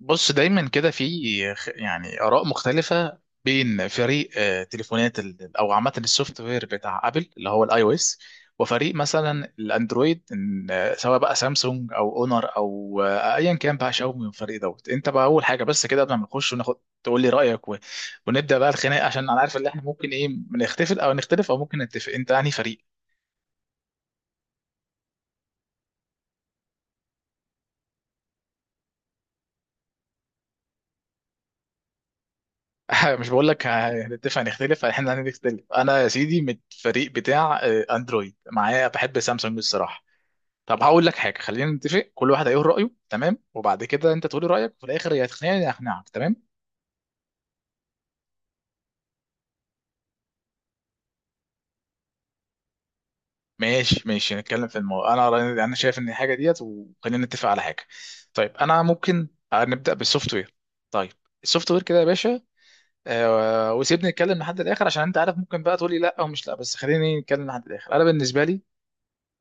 بص دايما كده في اراء مختلفه بين فريق تليفونات ال- او عامه السوفت وير بتاع ابل اللي هو الاي او اس، وفريق مثلا الاندرويد إن، آه، سواء بقى سامسونج او اونر او ايا كان بقى شاومي. من الفريق دوت؟ انت بقى اول حاجه بس كده قبل ما نخش وناخد، تقول لي رايك و ونبدا بقى الخناق، عشان انا عارف ان احنا ممكن ايه نختلف او نختلف او ممكن نتفق. انت يعني فريق؟ مش بقول لك هنتفق، هنختلف، احنا هنختلف. انا يا سيدي من الفريق بتاع اندرويد، معايا بحب سامسونج الصراحه. طب هقول لك حاجه، خلينا نتفق، كل واحد هيقول رايه تمام، وبعد كده انت تقولي رايك، وفي الاخر يا تقنعني يا اقنعك تمام. ماشي ماشي، نتكلم في الموضوع. انا انا شايف ان الحاجه ديت، وخلينا نتفق على حاجه. طيب انا ممكن نبدا بالسوفت وير. طيب السوفت وير كده يا باشا، وسيبني نتكلم لحد الاخر، عشان انت عارف ممكن بقى تقولي لا او مش لا، بس خليني نتكلم لحد الاخر. انا بالنسبه لي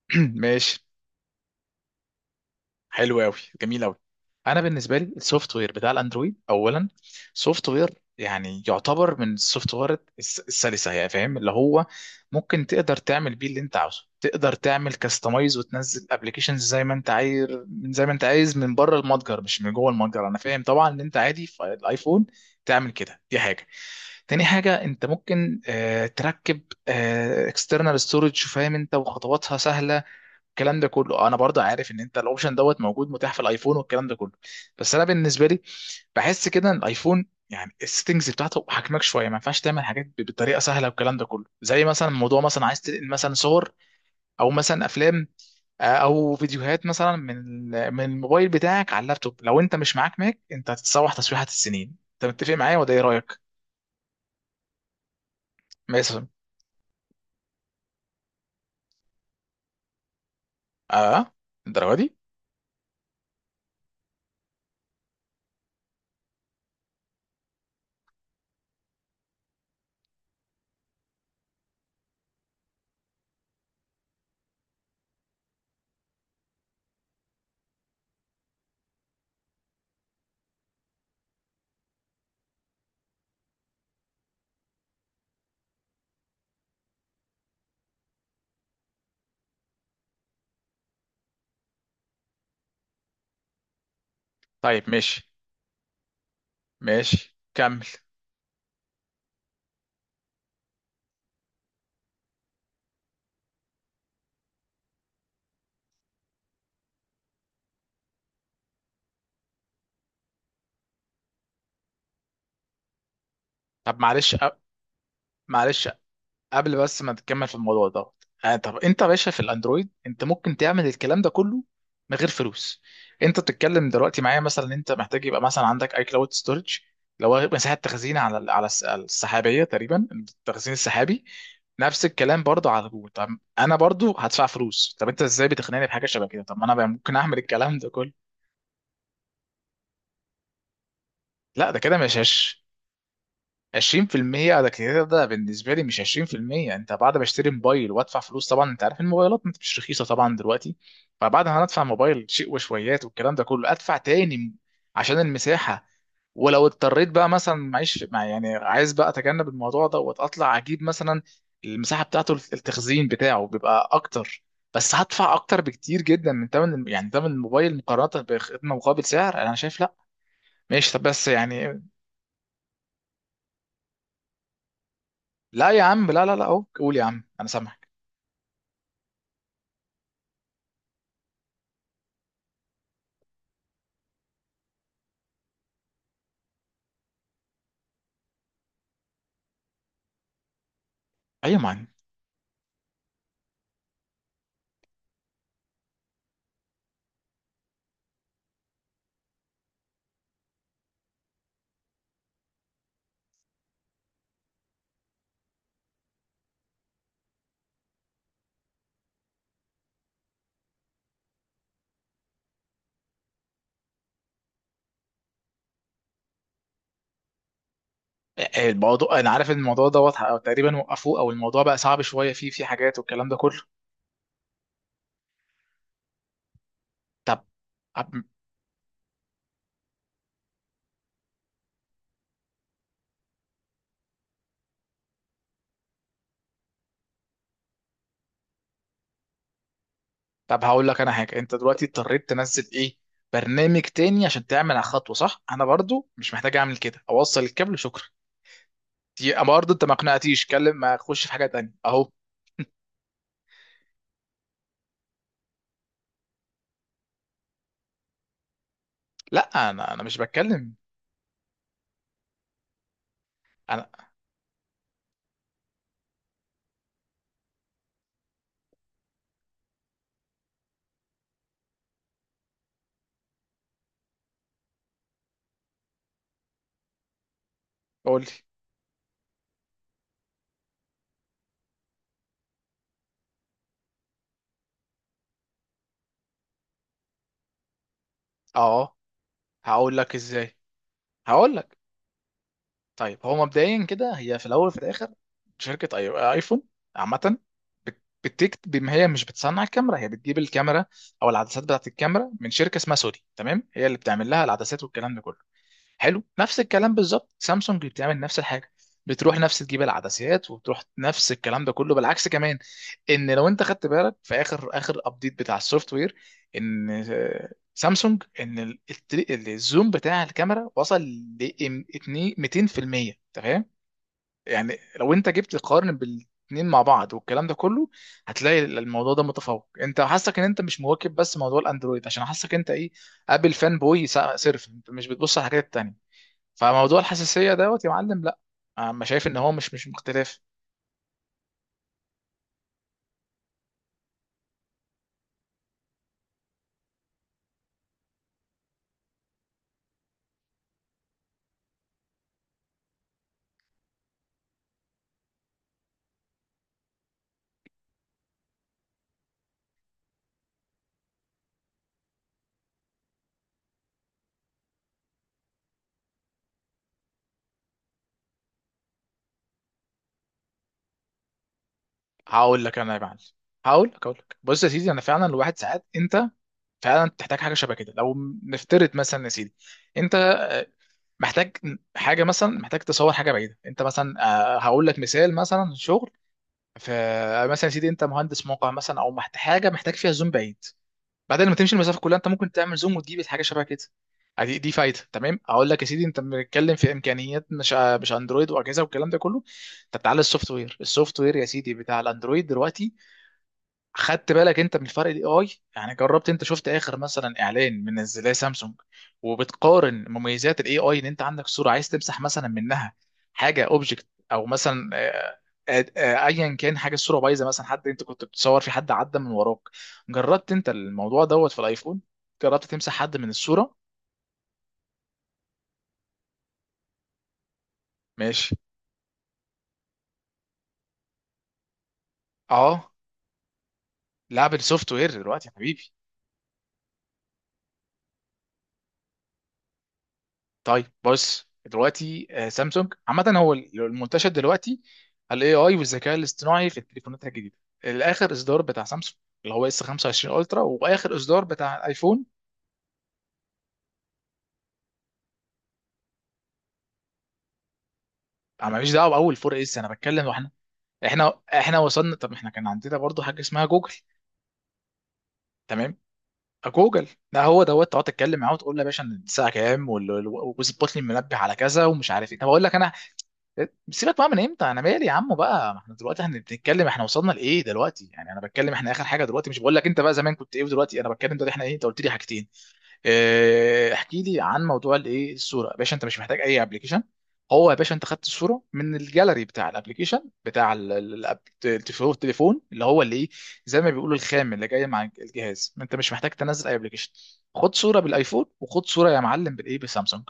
ماشي. حلو قوي. جميل قوي. انا بالنسبه لي السوفت وير بتاع الاندرويد اولا، سوفت وير يعني يعتبر من السوفت وير السلسه، يعني فاهم اللي هو ممكن تقدر تعمل بيه اللي انت عاوزه، تقدر تعمل كاستمايز وتنزل ابلكيشنز زي ما انت عايز، من زي ما انت عايز من بره المتجر مش من جوه المتجر. انا فاهم طبعا ان انت عادي في الايفون تعمل كده، دي حاجه. تاني حاجه انت ممكن تركب اكسترنال ستورج، فاهم انت، وخطواتها سهله، الكلام ده كله. انا برضه عارف ان انت الاوبشن دوت موجود متاح في الايفون والكلام ده كله، بس انا بالنسبه لي بحس كده ان الايفون يعني السيتنجز بتاعته حجمك شويه، ما ينفعش تعمل حاجات بطريقه سهله والكلام ده كله. زي مثلا موضوع مثلا عايز تنقل مثلا صور او مثلا افلام او فيديوهات مثلا من من الموبايل بتاعك على اللابتوب، لو انت مش معاك ماك انت هتتسوح تسويحه السنين. انت متفق معايا ولا ايه رايك؟ مثلا. اه. الدرجه دي؟ طيب ماشي. ماشي كمل. طب معلش معلش قبل بس ما تكمل في الموضوع ده، آه طب انت يا باشا في الاندرويد انت ممكن تعمل الكلام ده كله من غير فلوس. انت بتتكلم دلوقتي معايا مثلا انت محتاج يبقى مثلا عندك اي كلاود ستورج، لو هو مساحه تخزين على السحابيه، تقريبا التخزين السحابي. نفس الكلام برضه على جوجل، طب انا برضه هدفع فلوس. طب انت ازاي بتقنعني بحاجه شبه كده؟ طب ما انا بقى ممكن اعمل الكلام ده كله. لا ده كده مش هش، 20% على كده ده بالنسبه لي مش 20%. انت بعد ما اشتري موبايل وادفع فلوس، طبعا انت عارف الموبايلات مش رخيصه طبعا دلوقتي، فبعد ما هندفع موبايل شيء وشويات والكلام ده كله، ادفع تاني عشان المساحه. ولو اضطريت بقى مثلا معيش مع، يعني عايز بقى اتجنب الموضوع ده واطلع اجيب مثلا المساحه بتاعته، التخزين بتاعه بيبقى اكتر بس هدفع اكتر بكتير جدا من ثمن يعني ثمن الموبايل، مقارنه بخدمه مقابل سعر انا شايف لا. ماشي طب بس يعني، لا يا عم، لا لا لا اهو قول يا عم انا سامع. ايوه ما الموضوع، انا عارف ان الموضوع دوت او تقريبا وقفوه او الموضوع بقى صعب شويه، فيه في حاجات والكلام ده كله. طب طب طب هقول لك انا حاجه، انت دلوقتي اضطريت تنزل ايه، برنامج تاني عشان تعمل على خطوه صح؟ انا برضو مش محتاج اعمل كده، اوصل الكابل شكرا. دي برضو انت ما اقنعتيش كلم، ما اخش في حاجه تانيه اهو. لا انا مش بتكلم انا. قول لي. اه هقول لك ازاي. هقول لك. طيب هو مبدئيا كده، هي في الاول وفي الاخر شركه اي ايفون عامه، بتكت بما هي مش بتصنع الكاميرا، هي بتجيب الكاميرا او العدسات بتاعت الكاميرا من شركه اسمها سوني تمام، هي اللي بتعمل لها العدسات والكلام ده كله. حلو، نفس الكلام بالظبط سامسونج بتعمل نفس الحاجه، بتروح نفس تجيب العدسات وتروح نفس الكلام ده كله. بالعكس كمان، ان لو انت خدت بالك في اخر اخر ابديت بتاع السوفت وير، ان سامسونج ان الزوم بتاع الكاميرا وصل ل 200%. انت فاهم يعني لو انت جبت تقارن بالاتنين مع بعض والكلام ده كله، هتلاقي الموضوع ده متفوق. انت حاسك ان انت مش مواكب بس موضوع الاندرويد، عشان حاسك انت ايه، ابل فان بوي صرف، انت مش بتبص على الحاجات التانية. فموضوع الحساسيه دوت يا معلم لا، انا شايف ان هو مش مختلف. هقول لك انا يا معلم، هقول لك بص يا سيدي، انا فعلا الواحد ساعات انت فعلا تحتاج حاجه شبه كده. لو نفترض مثلا يا سيدي، انت محتاج حاجه، مثلا محتاج تصور حاجه بعيده انت مثلا. هقول لك مثال، مثلا شغل في، مثلا يا سيدي انت مهندس موقع مثلا، او حاجه محتاج فيها زوم بعيد، بعدين لما تمشي المسافه كلها انت ممكن تعمل زوم وتجيب حاجه شبه كده. دي فايده تمام. اقول لك يا سيدي، انت بنتكلم في امكانيات مش مش اندرويد واجهزه والكلام ده كله. انت بتعلي السوفت وير، السوفت وير يا سيدي بتاع الاندرويد دلوقتي، خدت بالك انت، من فرق الاي اي. يعني جربت انت؟ شفت اخر مثلا اعلان من زي سامسونج وبتقارن مميزات الاي اي، ان انت عندك صوره عايز تمسح مثلا منها حاجه اوبجكت، او مثلا ايا كان حاجه، الصوره بايظه مثلا، حد انت كنت بتصور في حد عدى من وراك. جربت انت الموضوع دوت في الايفون؟ جربت تمسح حد من الصوره؟ ماشي. اه. لعب السوفت وير دلوقتي يا حبيبي. طيب بص دلوقتي سامسونج عامة هو المنتشر دلوقتي، الاي اي والذكاء الاصطناعي في التليفونات الجديدة. الاخر اصدار بتاع سامسونج اللي هو اس 25 الترا، واخر اصدار بتاع الايفون. انا ماليش دعوه باول 4 اس، انا بتكلم واحنا، احنا وصلنا. طب احنا كان عندنا برضو حاجه اسمها جوجل، تمام، جوجل، ده هو دوت تقعد تتكلم معاه وتقول له يا باشا إن الساعه كام وظبط لي المنبه على كذا ومش عارف ايه. طب اقول لك انا، سيبك بقى من امتى، انا مالي يا عم بقى، ما احنا دلوقتي احنا بنتكلم، احنا وصلنا لايه دلوقتي يعني، انا بتكلم احنا اخر حاجه دلوقتي، مش بقول لك انت بقى زمان كنت ايه، ودلوقتي انا بتكلم دلوقتي احنا ايه. انت قلت لي حاجتين، اه، احكي لي عن موضوع الايه، الصوره يا باشا انت مش محتاج اي ابلكيشن. هو يا باشا انت خدت الصوره من الجاليري بتاع الابلكيشن بتاع التليفون، اللي هو اللي ايه، زي ما بيقولوا الخام اللي جاي مع الجهاز، انت مش محتاج تنزل اي ابلكيشن. خد صوره بالايفون، وخد صوره يا معلم بالايه بسامسونج،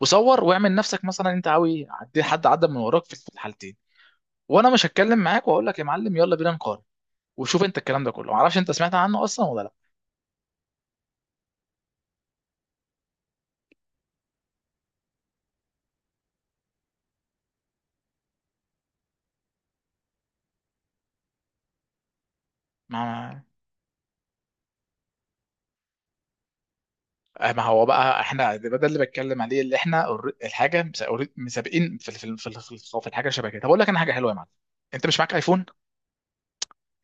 وصور واعمل نفسك مثلا انت حد عدى من وراك في في الحالتين، وانا مش هتكلم معاك واقول لك يا معلم، يلا بينا نقارن وشوف انت. الكلام ده كله معرفش انت سمعت عنه اصلا ولا لا. ما ما هو بقى احنا ده اللي بتكلم عليه اللي احنا الحاجه مسابقين في الحاجه شبه كده. طب اقول لك انا حاجه حلوه يا معلم، انت مش معاك ايفون؟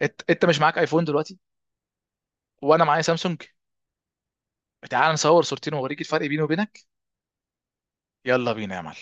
انت مش معاك ايفون دلوقتي؟ وانا معايا سامسونج، تعال نصور صورتين واوريك الفرق بيني وبينك. يلا بينا يا معلم.